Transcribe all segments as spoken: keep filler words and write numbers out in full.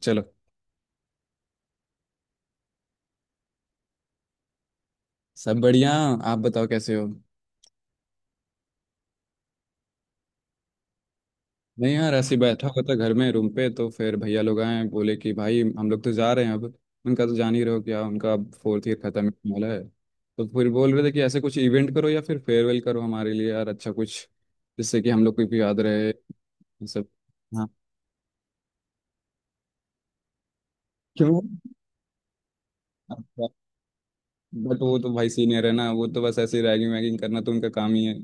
चलो। सब बढ़िया। आप बताओ कैसे हो। मैं यार ऐसे ही बैठा हुआ था घर में रूम पे, तो फिर भैया लोग आए, बोले कि भाई हम लोग तो जा रहे हैं अब। उनका तो जान ही रहो, क्या उनका, अब फोर्थ ईयर खत्म होने वाला है। तो फिर बोल रहे थे कि ऐसे कुछ इवेंट करो या फिर फेयरवेल करो हमारे लिए यार, अच्छा कुछ जिससे कि हम लोग को भी याद रहे ये सब। हाँ। क्यों। अच्छा। बट वो तो भाई सीनियर है ना, वो तो बस ऐसे रैगिंग वैगिंग करना तो उनका काम ही है।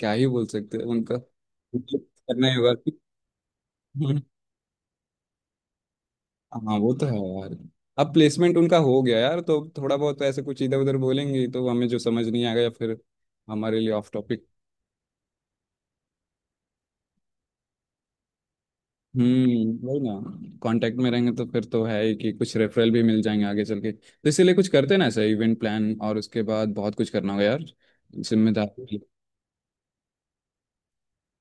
क्या ही बोल सकते हैं उनका। करना ही होगा। हाँ वो तो है यार। अब प्लेसमेंट उनका हो गया यार तो थोड़ा बहुत ऐसे कुछ इधर उधर बोलेंगे तो हमें जो समझ नहीं आएगा, या फिर हमारे लिए ऑफ टॉपिक। हम्म, वही ना। कांटेक्ट में रहेंगे तो फिर तो है ही कि कुछ रेफरल भी मिल जाएंगे आगे चल के, तो इसीलिए कुछ करते हैं ना ऐसा इवेंट प्लान, और उसके बाद बहुत कुछ करना होगा यार, जिम्मेदारी।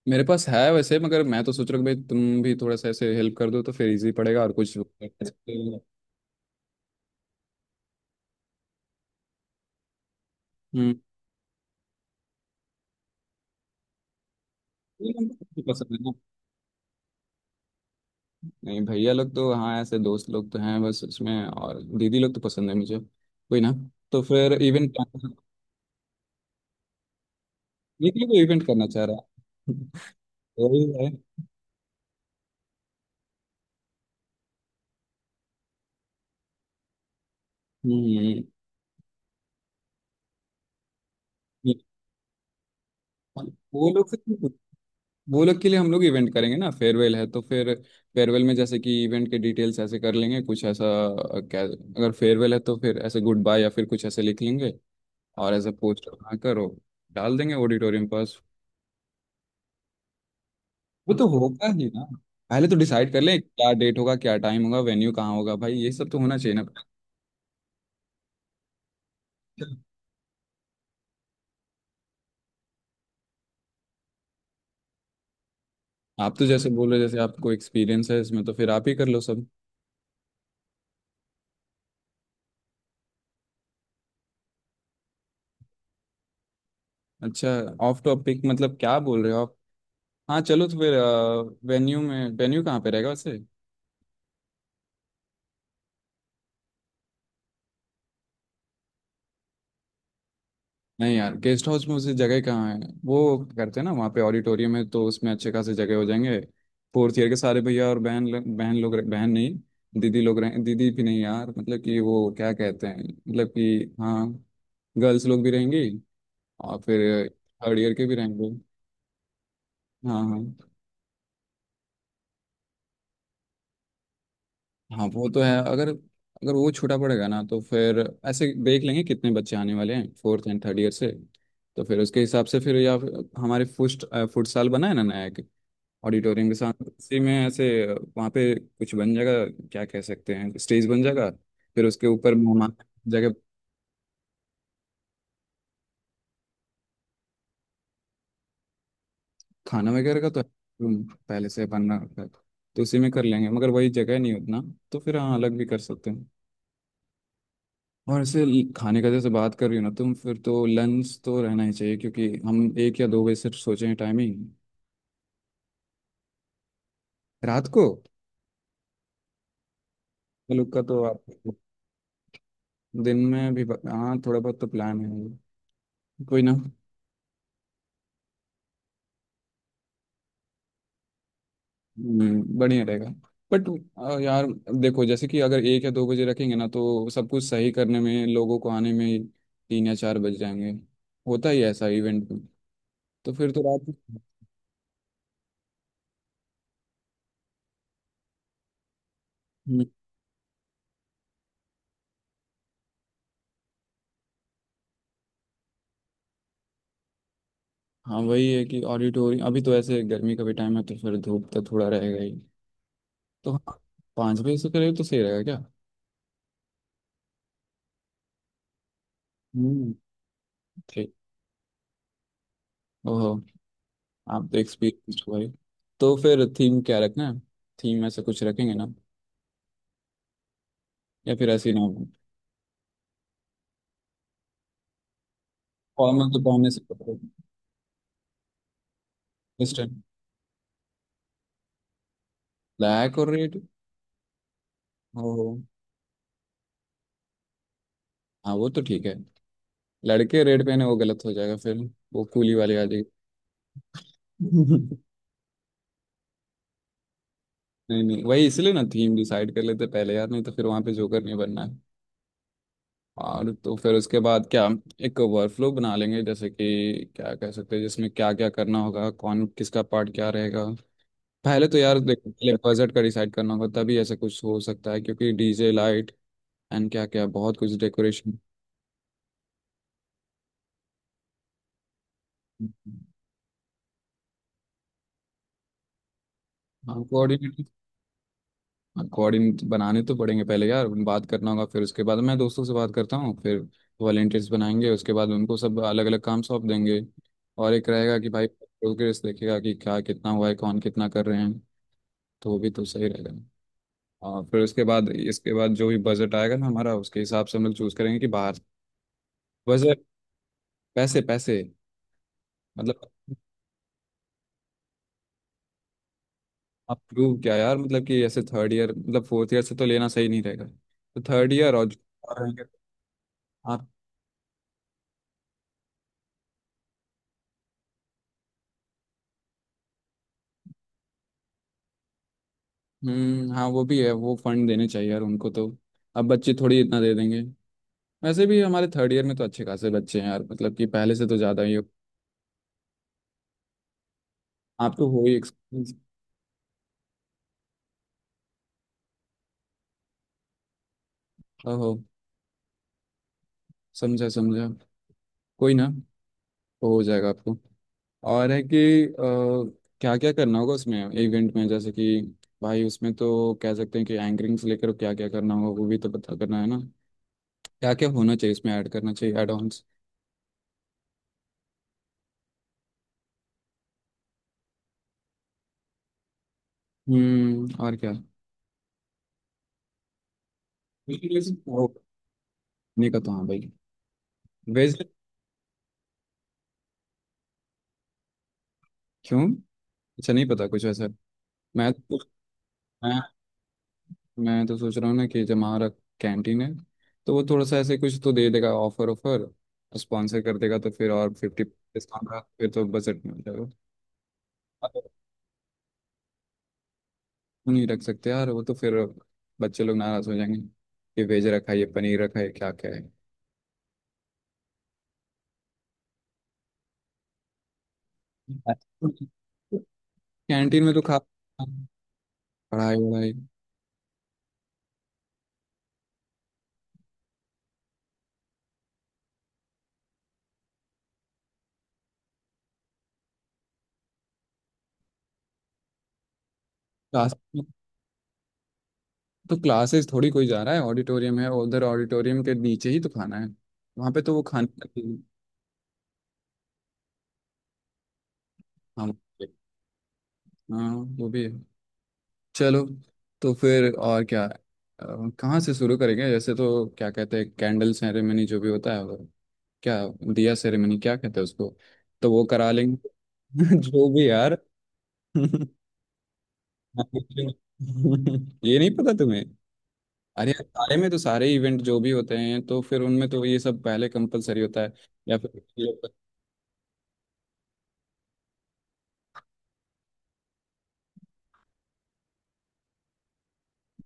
मेरे पास है वैसे, मगर मैं तो सोच रहा हूँ भाई तुम भी थोड़ा सा ऐसे हेल्प कर दो तो फिर इजी पड़ेगा और कुछ हम्म। नहीं भैया लोग तो हाँ ऐसे दोस्त लोग तो हैं बस उसमें, और दीदी लोग तो पसंद है मुझे कोई ना। तो फिर इवेंट ये क्यों इवेंट करना चाह रहा है वही है। हम्म। वो लोग से- वो लोग के लिए हम लोग इवेंट करेंगे ना, फेयरवेल है तो फिर फेयरवेल में जैसे कि इवेंट के डिटेल्स ऐसे कर लेंगे कुछ ऐसा, अ, क्या अगर फेयरवेल है तो फिर ऐसे गुड बाय या फिर कुछ ऐसे लिख लेंगे, और ऐसे पोस्टर बनाकर वो डाल देंगे ऑडिटोरियम पर। वो तो होगा ही ना। पहले तो डिसाइड कर लें क्या डेट होगा, क्या टाइम होगा, वेन्यू कहाँ होगा, भाई ये सब तो होना चाहिए ना। आप तो जैसे बोल रहे हो जैसे आपको एक्सपीरियंस है इसमें, तो फिर आप ही कर लो सब। अच्छा। ऑफ टॉपिक मतलब क्या बोल रहे हो आप। हाँ चलो तो फिर वेन्यू में, वेन्यू कहाँ पे रहेगा वैसे। नहीं यार, गेस्ट हाउस में उसे जगह कहाँ है, वो करते हैं ना वहाँ पे ऑडिटोरियम है तो उसमें अच्छे खासे जगह हो जाएंगे। फोर्थ ईयर के सारे भैया और बहन लोग- बहन लोग रह- बहन नहीं दीदी लोग रहे, दीदी भी नहीं यार मतलब कि वो क्या कहते हैं मतलब कि हाँ गर्ल्स लोग भी रहेंगी, और फिर थर्ड ईयर के भी रहेंगे। हाँ हाँ। हाँ वो तो है, अगर अगर वो छोटा पड़ेगा ना तो फिर ऐसे देख लेंगे कितने बच्चे आने वाले हैं फोर्थ एंड थर्ड ईयर से, तो फिर उसके हिसाब से फिर, या फिर हमारे फुट फुटसाल बना है ना नया, ऑडिटोरियम के साथ उसी में ऐसे वहाँ पे कुछ बन जाएगा, क्या कह सकते हैं स्टेज बन जाएगा फिर उसके ऊपर मेहमान जगह। खाना वगैरह का तो रूम पहले से बनना रखा है, तो उसी में कर लेंगे मगर वही जगह नहीं उतना, तो फिर हाँ अलग भी कर सकते हैं। और ऐसे ल- खाने का जैसे बात कर रही हो ना तुम, फिर तो लंच तो रहना ही चाहिए क्योंकि हम एक या दो बजे सिर्फ सोचे हैं टाइमिंग। रात को लोग का तो आप दिन में भी ब- हाँ थोड़ा बहुत तो प्लान है, कोई ना। हम्म, बढ़िया रहेगा। बट अ, यार देखो जैसे कि अगर एक या दो बजे रखेंगे ना तो सब कुछ सही करने में, लोगों को आने में तीन या चार बज जाएंगे, होता ही है ऐसा इवेंट में, तो फिर तो रात। हम्म। हाँ वही है कि ऑडिटोरियम, अभी तो ऐसे गर्मी का भी टाइम है तो फिर धूप तो थोड़ा रहेगा ही। तो हाँ, पाँच बजे से करें तो सही रहेगा क्या। हम्म। ठीक। ओहो, आप तो एक्सपीरियंस हुआ ही। तो फिर थीम क्या रखना है, थीम ऐसा कुछ रखेंगे ना या फिर ऐसे ही ना। फॉर्मल तो पहनने से। ब्लैक और रेड हो। हाँ वो तो ठीक है, लड़के रेड पहने वो गलत हो जाएगा फिर, वो कूली वाली आ जाएगी नहीं नहीं वही इसलिए ना थीम डिसाइड कर लेते पहले यार, नहीं तो फिर वहां पे जोकर नहीं बनना है। और तो फिर उसके बाद क्या, एक वर्कफ्लो बना लेंगे जैसे कि क्या कह सकते हैं जिसमें क्या क्या करना होगा कौन किसका पार्ट क्या रहेगा। पहले तो यार देखो पहले बजट का डिसाइड करना होगा तभी ऐसा कुछ हो सकता है, क्योंकि डीजे लाइट एंड क्या क्या बहुत कुछ डेकोरेशन। हाँ कोऑर्डिनेट, कोऑर्डिनेट बनाने तो पड़ेंगे पहले यार, बात करना होगा फिर उसके बाद मैं दोस्तों से बात करता हूँ, फिर वॉलेंटियर्स बनाएंगे उसके बाद उनको सब अलग अलग काम सौंप देंगे, और एक रहेगा कि भाई प्रोग्रेस देखेगा कि क्या कितना हुआ है कौन कितना कर रहे हैं, तो वो भी तो सही रहेगा। और फिर उसके बाद इसके बाद जो भी बजट आएगा ना हमारा, उसके हिसाब से हम लोग चूज करेंगे कि बाहर। बजट, पैसे पैसे मतलब। आप प्रूव क्या यार मतलब कि ऐसे थर्ड ईयर मतलब फोर्थ ईयर से तो लेना सही नहीं रहेगा, तो थर्ड ईयर और जो-। हम्म, हाँ वो भी है, वो फंड देने चाहिए यार उनको तो, अब बच्चे थोड़ी इतना दे देंगे। वैसे भी हमारे थर्ड ईयर में तो अच्छे खासे बच्चे हैं यार मतलब कि पहले से तो ज़्यादा ही हो। आप तो हो ही एक्सपीरियंस। ओहो, समझा समझा। कोई ना, वो हो जाएगा आपको। और है कि क्या क्या करना होगा उसमें इवेंट में, जैसे कि भाई उसमें तो कह सकते हैं कि एंकरिंग से लेकर क्या क्या करना होगा वो भी तो पता करना है ना, क्या क्या होना चाहिए इसमें ऐड करना चाहिए, एड ऑन्स। हम्म और क्या। नहीं। का तो हाँ भाई वेज। क्यों, अच्छा नहीं पता कुछ ऐसा। मैं तो मैं मैं तो सोच रहा हूँ ना कि जब हमारा कैंटीन है तो वो थोड़ा सा ऐसे कुछ तो दे देगा ऑफर, ऑफर स्पॉन्सर कर देगा तो फिर और फिफ्टी डिस्काउंट का फिर तो बजट में हो जाएगा। अब वो नहीं रख सकते यार, वो तो फिर बच्चे लोग नाराज हो जाएंगे कि वेज रखा है ये पनीर रखा है क्या क्या है। कैंटीन में तो खा, पढ़ाई वढ़ाई। क्लास, तो क्लासेस थोड़ी कोई जा रहा है, ऑडिटोरियम है उधर, ऑडिटोरियम के नीचे ही तो खाना है, वहाँ पे तो वो खाने का- हाँ हाँ वो भी है। चलो तो फिर और क्या है? अ, कहाँ से शुरू करेंगे जैसे, तो क्या कहते हैं कैंडल सेरेमनी जो भी होता है वो, क्या दिया सेरेमनी क्या कहते हैं उसको, तो वो करा लेंगे। जो भी यार ये नहीं पता तुम्हें। अरे यार, सारे में तो सारे इवेंट जो भी होते हैं तो फिर उनमें तो ये सब पहले कंपलसरी होता है। या फिर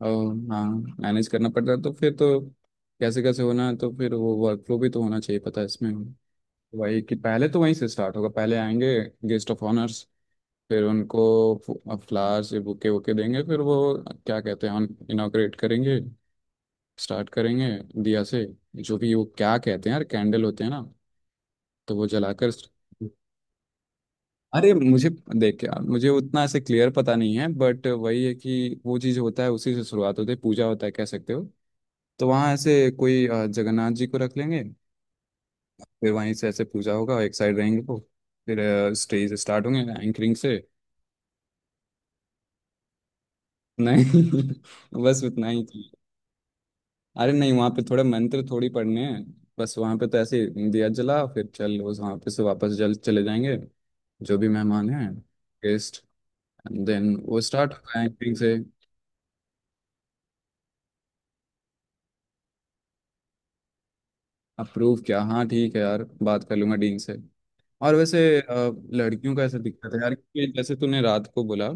अ, हाँ मैनेज करना पड़ता है तो फिर तो कैसे कैसे होना है तो फिर वो वर्कफ्लो भी तो होना चाहिए पता है इसमें। वही कि पहले तो वहीं से स्टार्ट होगा, पहले आएंगे गेस्ट ऑफ ऑनर्स, फिर उनको फ्लावर्स ये बुके वुके देंगे, फिर वो क्या कहते हैं इनॉग्रेट करेंगे, स्टार्ट करेंगे दिया से, जो भी वो क्या कहते हैं यार कैंडल होते हैं ना, तो वो जलाकर। अरे मुझे, देख यार मुझे उतना ऐसे क्लियर पता नहीं है, बट वही है कि वो चीज़ होता है उसी से शुरुआत होती है पूजा होता है कह सकते हो। तो वहाँ ऐसे कोई अ, जगन्नाथ जी को रख लेंगे, फिर वहीं से ऐसे पूजा होगा, एक साइड रहेंगे वो, फिर स्टेज स्टार्ट होंगे एंकरिंग से। नहीं बस उतना ही था। अरे नहीं वहां पे थोड़े मंत्र थोड़ी पढ़ने हैं, बस वहां पे तो ऐसे ही दिया जला फिर चल उस वहां पे से वापस जल चले जाएंगे जो भी मेहमान हैं गेस्ट, एंड देन वो स्टार्ट होगा एंकरिंग से। अप्रूव किया हाँ ठीक है यार, बात कर लूंगा डीन से। और वैसे अ, लड़कियों का ऐसा दिक्कत है यार कि जैसे तूने रात को बोला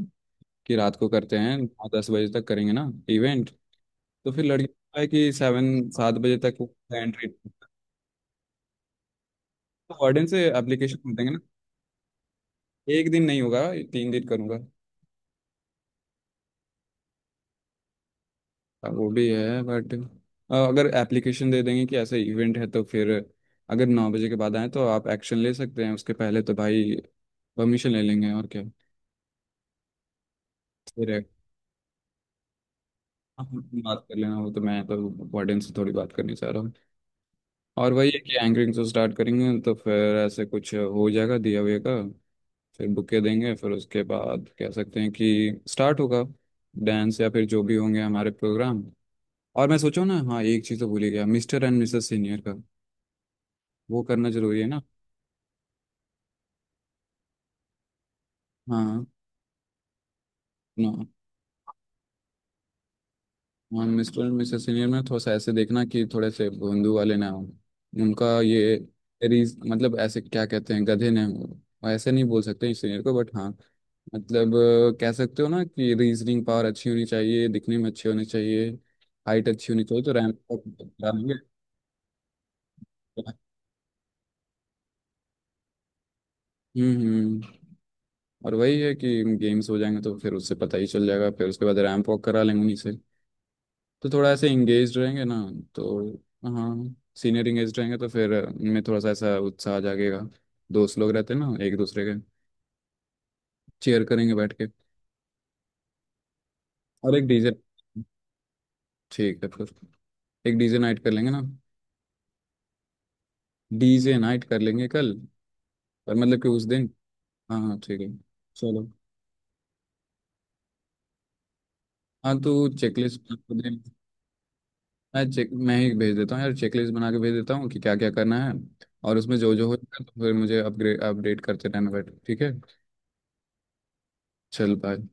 कि रात को करते हैं नौ दस बजे तक करेंगे ना इवेंट, तो फिर लड़कियों का है कि सेवन सात बजे तक एंट्री, वार्डन से एप्लीकेशन देंगे ना। एक दिन नहीं होगा, तीन दिन करूंगा। हाँ, वो भी है बट अगर एप्लीकेशन दे देंगे कि ऐसा इवेंट है तो फिर अगर नौ बजे के बाद आए तो आप एक्शन ले सकते हैं, उसके पहले तो भाई परमिशन ले लेंगे और क्या। फिर आप बात कर लेना वो तो, मैं तो वार्डन से थोड़ी बात करनी चाह रहा हूँ। और वही है कि एंकरिंग से स्टार्ट करेंगे तो फिर ऐसे कुछ हो जाएगा दिया हुए का, फिर बुके देंगे फिर उसके बाद कह सकते हैं कि स्टार्ट होगा डांस या फिर जो भी होंगे हमारे प्रोग्राम। और मैं सोचो ना हाँ, एक चीज़ तो भूल ही गया मिस्टर एंड मिसेस सीनियर का, वो करना जरूरी है ना। हाँ ना। हाँ मिस्टर एंड मिसेस सीनियर में थोड़ा सा ऐसे देखना कि थोड़े से भोंदू वाले ना हो, उनका ये रीज मतलब ऐसे क्या कहते हैं गधे ना हो, और ऐसे नहीं बोल सकते इस सीनियर को बट हाँ मतलब अ, कह सकते हो ना कि रीजनिंग पावर अच्छी होनी चाहिए, दिखने में अच्छे होने चाहिए, हाइट अच्छी होनी चाहिए तो रैंक तक डालेंगे। हम्म हम्म। और वही है कि गेम्स हो जाएंगे तो फिर उससे पता ही चल जाएगा, फिर उसके बाद रैंप वॉक करा लेंगे उन्हीं से, तो थोड़ा ऐसे इंगेज रहेंगे ना, तो हाँ सीनियर इंगेज रहेंगे तो फिर उनमें थोड़ा सा ऐसा उत्साह आ जाएगा, दोस्त लोग रहते हैं ना एक दूसरे के चेयर करेंगे बैठ के। और एक डीजे। ठीक है फिर, एक डीजे नाइट कर लेंगे ना। डीजे नाइट कर लेंगे कल, पर मतलब कि उस दिन। हाँ हाँ ठीक है, चलो। हाँ तो चेकलिस्ट, मैं चेक मैं ही भेज देता हूँ यार चेकलिस्ट बना के भेज देता हूँ कि क्या क्या करना है, और उसमें जो जो होगा तो फिर मुझे अपग्रेड अपडेट करते रहना, बैठ ठीक है। चल बाय।